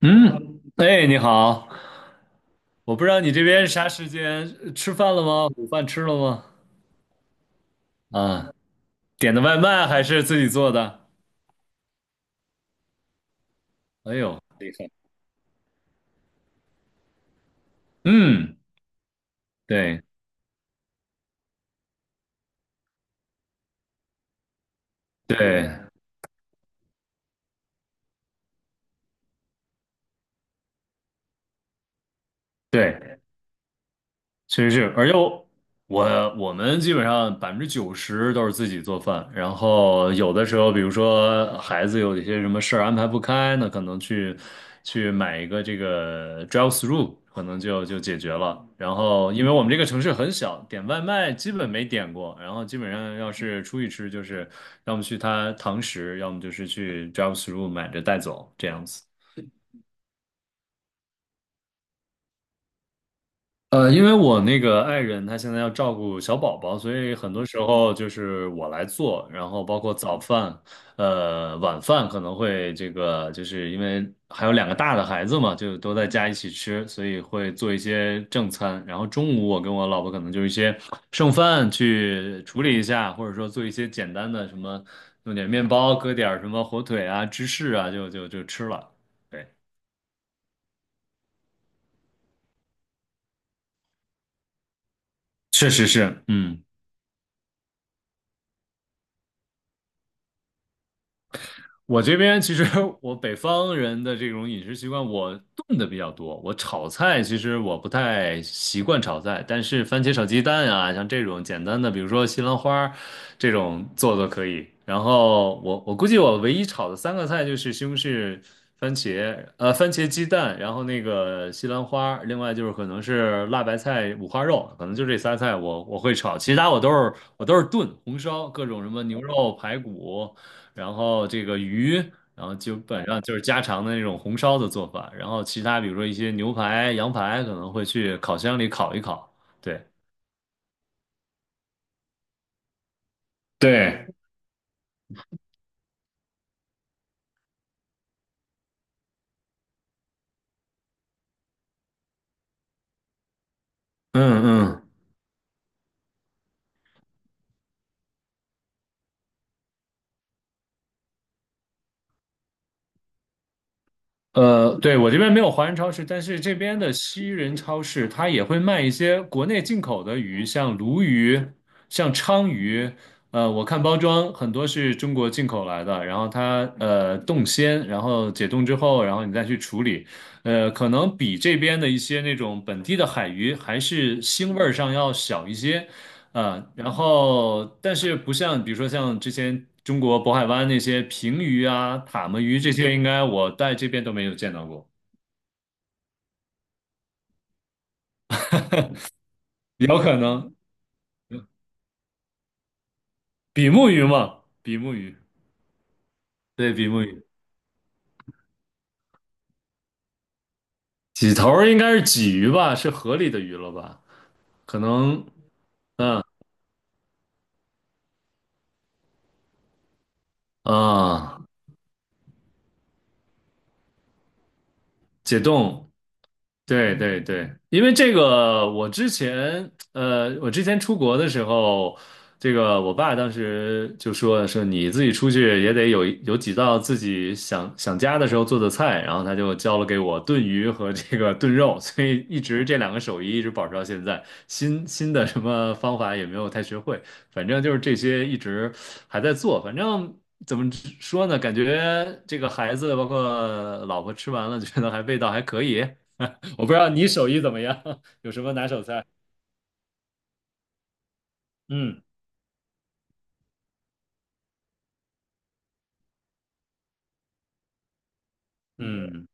嗯，哎，你好，我不知道你这边啥时间，吃饭了吗？午饭吃了吗？啊，点的外卖还是自己做的？哎呦，嗯，对对对，确实是，而且我们基本上90%都是自己做饭，然后有的时候，比如说孩子有一些什么事儿安排不开，那可能去买一个这个 drive through，可能就解决了。然后因为我们这个城市很小，点外卖基本没点过，然后基本上要是出去吃，就是要么去他堂食，要么就是去 drive through 买着带走这样子。因为我那个爱人她现在要照顾小宝宝，所以很多时候就是我来做，然后包括早饭，晚饭可能会这个，就是因为还有两个大的孩子嘛，就都在家一起吃，所以会做一些正餐。然后中午我跟我老婆可能就是一些剩饭去处理一下，或者说做一些简单的什么，弄点面包，搁点儿什么火腿啊、芝士啊，就吃了。对，确实是，嗯。我这边其实我北方人的这种饮食习惯，我炖的比较多。我炒菜其实我不太习惯炒菜，但是番茄炒鸡蛋啊，像这种简单的，比如说西兰花这种做做可以。然后我估计我唯一炒的3个菜就是西红柿、番茄，番茄鸡蛋，然后那个西兰花另外就是可能是辣白菜、五花肉，可能就这仨菜我会炒，其他我都是炖、红烧，各种什么牛肉、排骨。然后这个鱼，然后基本上就是家常的那种红烧的做法，然后其他比如说一些牛排、羊排可能会去烤箱里烤一烤，对。对，嗯对，我这边没有华人超市，但是这边的西人超市它也会卖一些国内进口的鱼，像鲈鱼、像鲳鱼。我看包装很多是中国进口来的，然后它冻鲜，然后解冻之后，然后你再去处理，可能比这边的一些那种本地的海鱼还是腥味儿上要小一些，嗯，然后但是不像，比如说像之前中国渤海湾那些平鱼啊、塔目鱼这些，应该我在这边都没有见到过。有可能比目鱼嘛，比目鱼，对，比目鱼，几头儿应该是鲫鱼吧，是河里的鱼了吧？可能啊，解冻对对对，因为这个，我之前出国的时候，这个我爸当时就说你自己出去也得有几道自己想想家的时候做的菜，然后他就教了给我炖鱼和这个炖肉，所以一直这2个手艺一直保持到现在，新的什么方法也没有太学会。反正就是这些一直还在做，反正怎么说呢？感觉这个孩子包括老婆吃完了，觉得还味道还可以。我不知道你手艺怎么样，有什么拿手菜？嗯嗯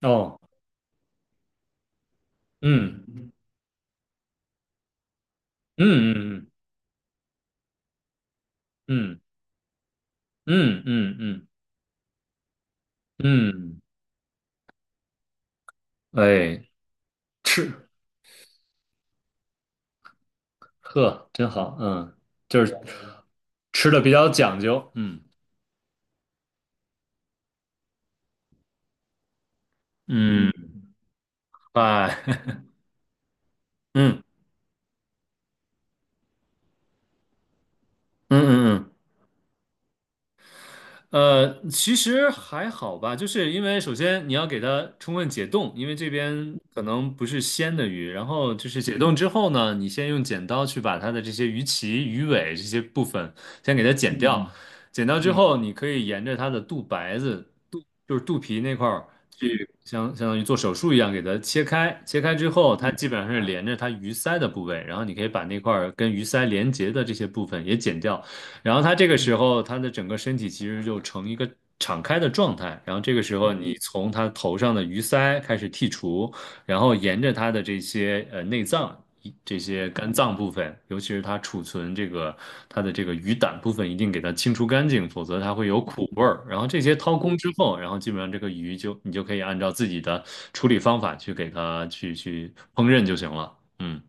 哦嗯嗯嗯嗯嗯嗯嗯嗯，嗯哎，吃呵真好，嗯，就是吃的比较讲究，嗯嗯，哎，嗯嗯嗯嗯。其实还好吧，就是因为首先你要给它充分解冻，因为这边可能不是鲜的鱼，然后就是解冻之后呢，你先用剪刀去把它的这些鱼鳍、鱼尾这些部分先给它剪掉，嗯剪掉之后，你可以沿着它的肚白子、就是肚皮那块儿去相当于做手术一样给它切开，切开之后，它基本上是连着它鱼鳃的部位，然后你可以把那块儿跟鱼鳃连接的这些部分也剪掉。然后他这个时候他的整个身体其实就呈一个敞开的状态，然后这个时候你从他头上的鱼鳃开始剔除，然后沿着他的这些内脏。这些肝脏部分，尤其是它储存它的这个鱼胆部分，一定给它清除干净，否则它会有苦味儿。然后这些掏空之后，然后基本上这个鱼就你就可以按照自己的处理方法去给它去烹饪就行了。嗯。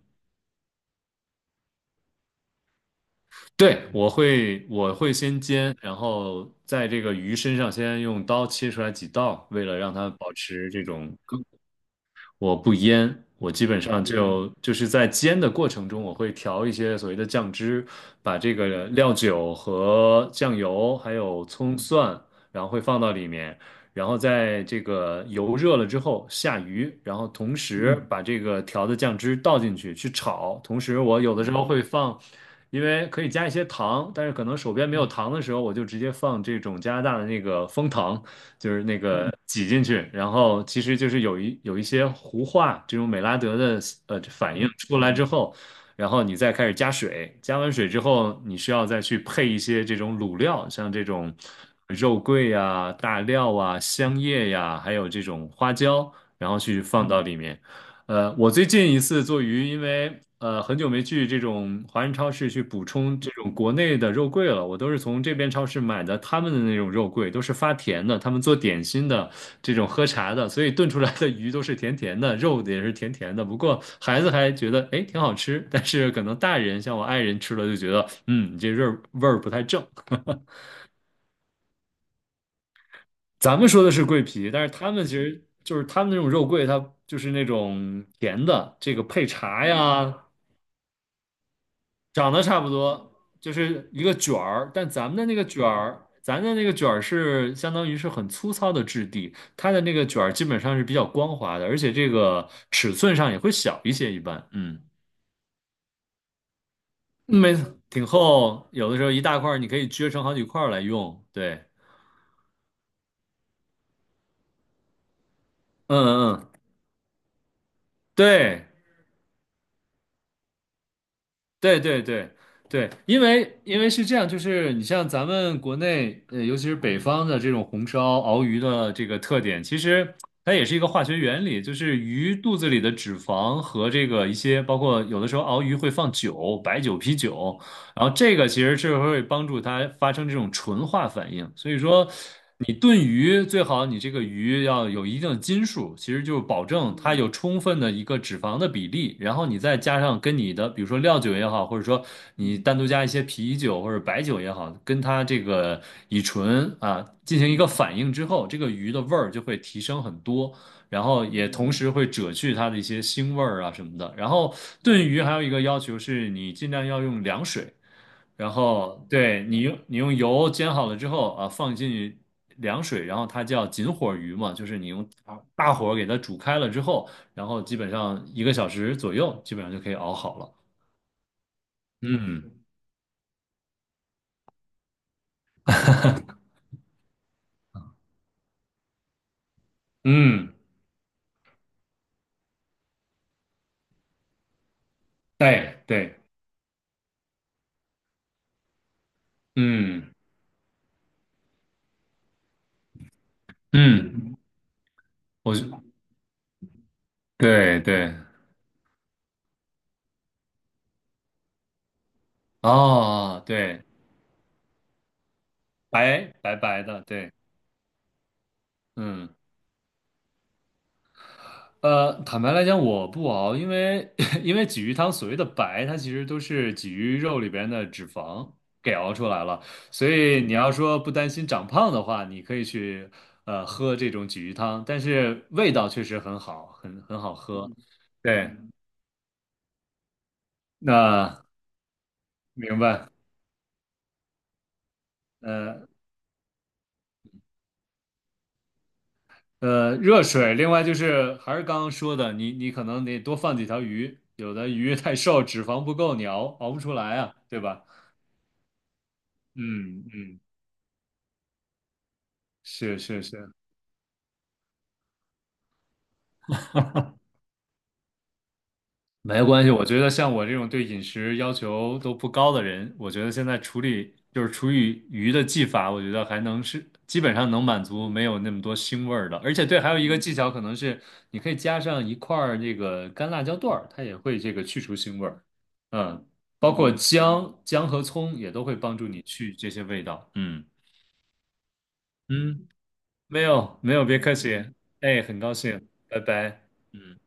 对，我会我会先煎，然后在这个鱼身上先用刀切出来几道，为了让它保持这种。我不腌，我基本上就是在煎的过程中，我会调一些所谓的酱汁，把这个料酒和酱油还有葱蒜，然后会放到里面，然后在这个油热了之后下鱼，然后同时把这个调的酱汁倒进去炒，同时我有的时候会放。因为可以加一些糖，但是可能手边没有糖的时候，我就直接放这种加拿大的那个枫糖，就是那个挤进去，然后其实就是有一些糊化这种美拉德的反应出来之后，然后你再开始加水，加完水之后，你需要再去配一些这种卤料，像这种肉桂呀、大料啊、香叶呀，还有这种花椒，然后去放到里面。我最近一次做鱼，因为很久没去这种华人超市去补充这种国内的肉桂了，我都是从这边超市买的他们的那种肉桂，都是发甜的，他们做点心的，这种喝茶的，所以炖出来的鱼都是甜甜的，肉也是甜甜的。不过孩子还觉得哎挺好吃，但是可能大人像我爱人吃了就觉得嗯你这味儿不太正。咱们说的是桂皮，但是他们其实就是他们那种肉桂，它就是那种甜的，这个配茶呀，长得差不多，就是一个卷儿，但咱们的那个卷儿，咱的那个卷儿是相当于是很粗糙的质地，它的那个卷儿基本上是比较光滑的，而且这个尺寸上也会小一些，一般，嗯，没，错，挺厚，有的时候一大块儿你可以撅成好几块儿来用，对，嗯嗯嗯，对。对对对对，因为是这样，就是你像咱们国内，呃，尤其是北方的这种红烧熬鱼的这个特点，其实它也是一个化学原理，就是鱼肚子里的脂肪和这个一些，包括有的时候熬鱼会放酒、白酒、啤酒，然后这个其实是会帮助它发生这种纯化反应。所以说，你炖鱼最好你这个鱼要有一定的斤数，其实就是保证它有充分的一个脂肪的比例，然后你再加上跟你的，比如说料酒也好，或者说你单独加一些啤酒或者白酒也好，跟它这个乙醇啊进行一个反应之后，这个鱼的味儿就会提升很多。然后也同时会遮去它的一些腥味儿啊什么的。然后炖鱼还有一个要求是你尽量要用凉水，然后对你用你用油煎好了之后啊，放进凉水，然后它叫紧火鱼嘛，就是你用大火给它煮开了之后，然后基本上1个小时左右，基本上就可以熬好了。嗯嗯，对对，嗯嗯，我对对，哦对，白白的，对，嗯。坦白来讲，我不熬，因为 因为鲫鱼汤所谓的白，它其实都是鲫鱼肉里边的脂肪给熬出来了，所以你要说不担心长胖的话，你可以去喝这种鲫鱼汤，但是味道确实很好，很好喝。对，那明白。呃热水，另外就是还是刚刚说的，你你可能得多放几条鱼，有的鱼太瘦，脂肪不够，你熬熬不出来啊，对吧？嗯嗯，是是是。没关系，我觉得像我这种对饮食要求都不高的人，我觉得现在处理就是处理鱼的技法，我觉得还能是基本上能满足没有那么多腥味儿的。而且对，还有一个技巧可能是你可以加上一块儿这个干辣椒段儿，它也会这个去除腥味儿。嗯，包括姜、姜和葱也都会帮助你去这些味道。嗯嗯，没有没有，别客气。哎，很高兴，拜拜。嗯。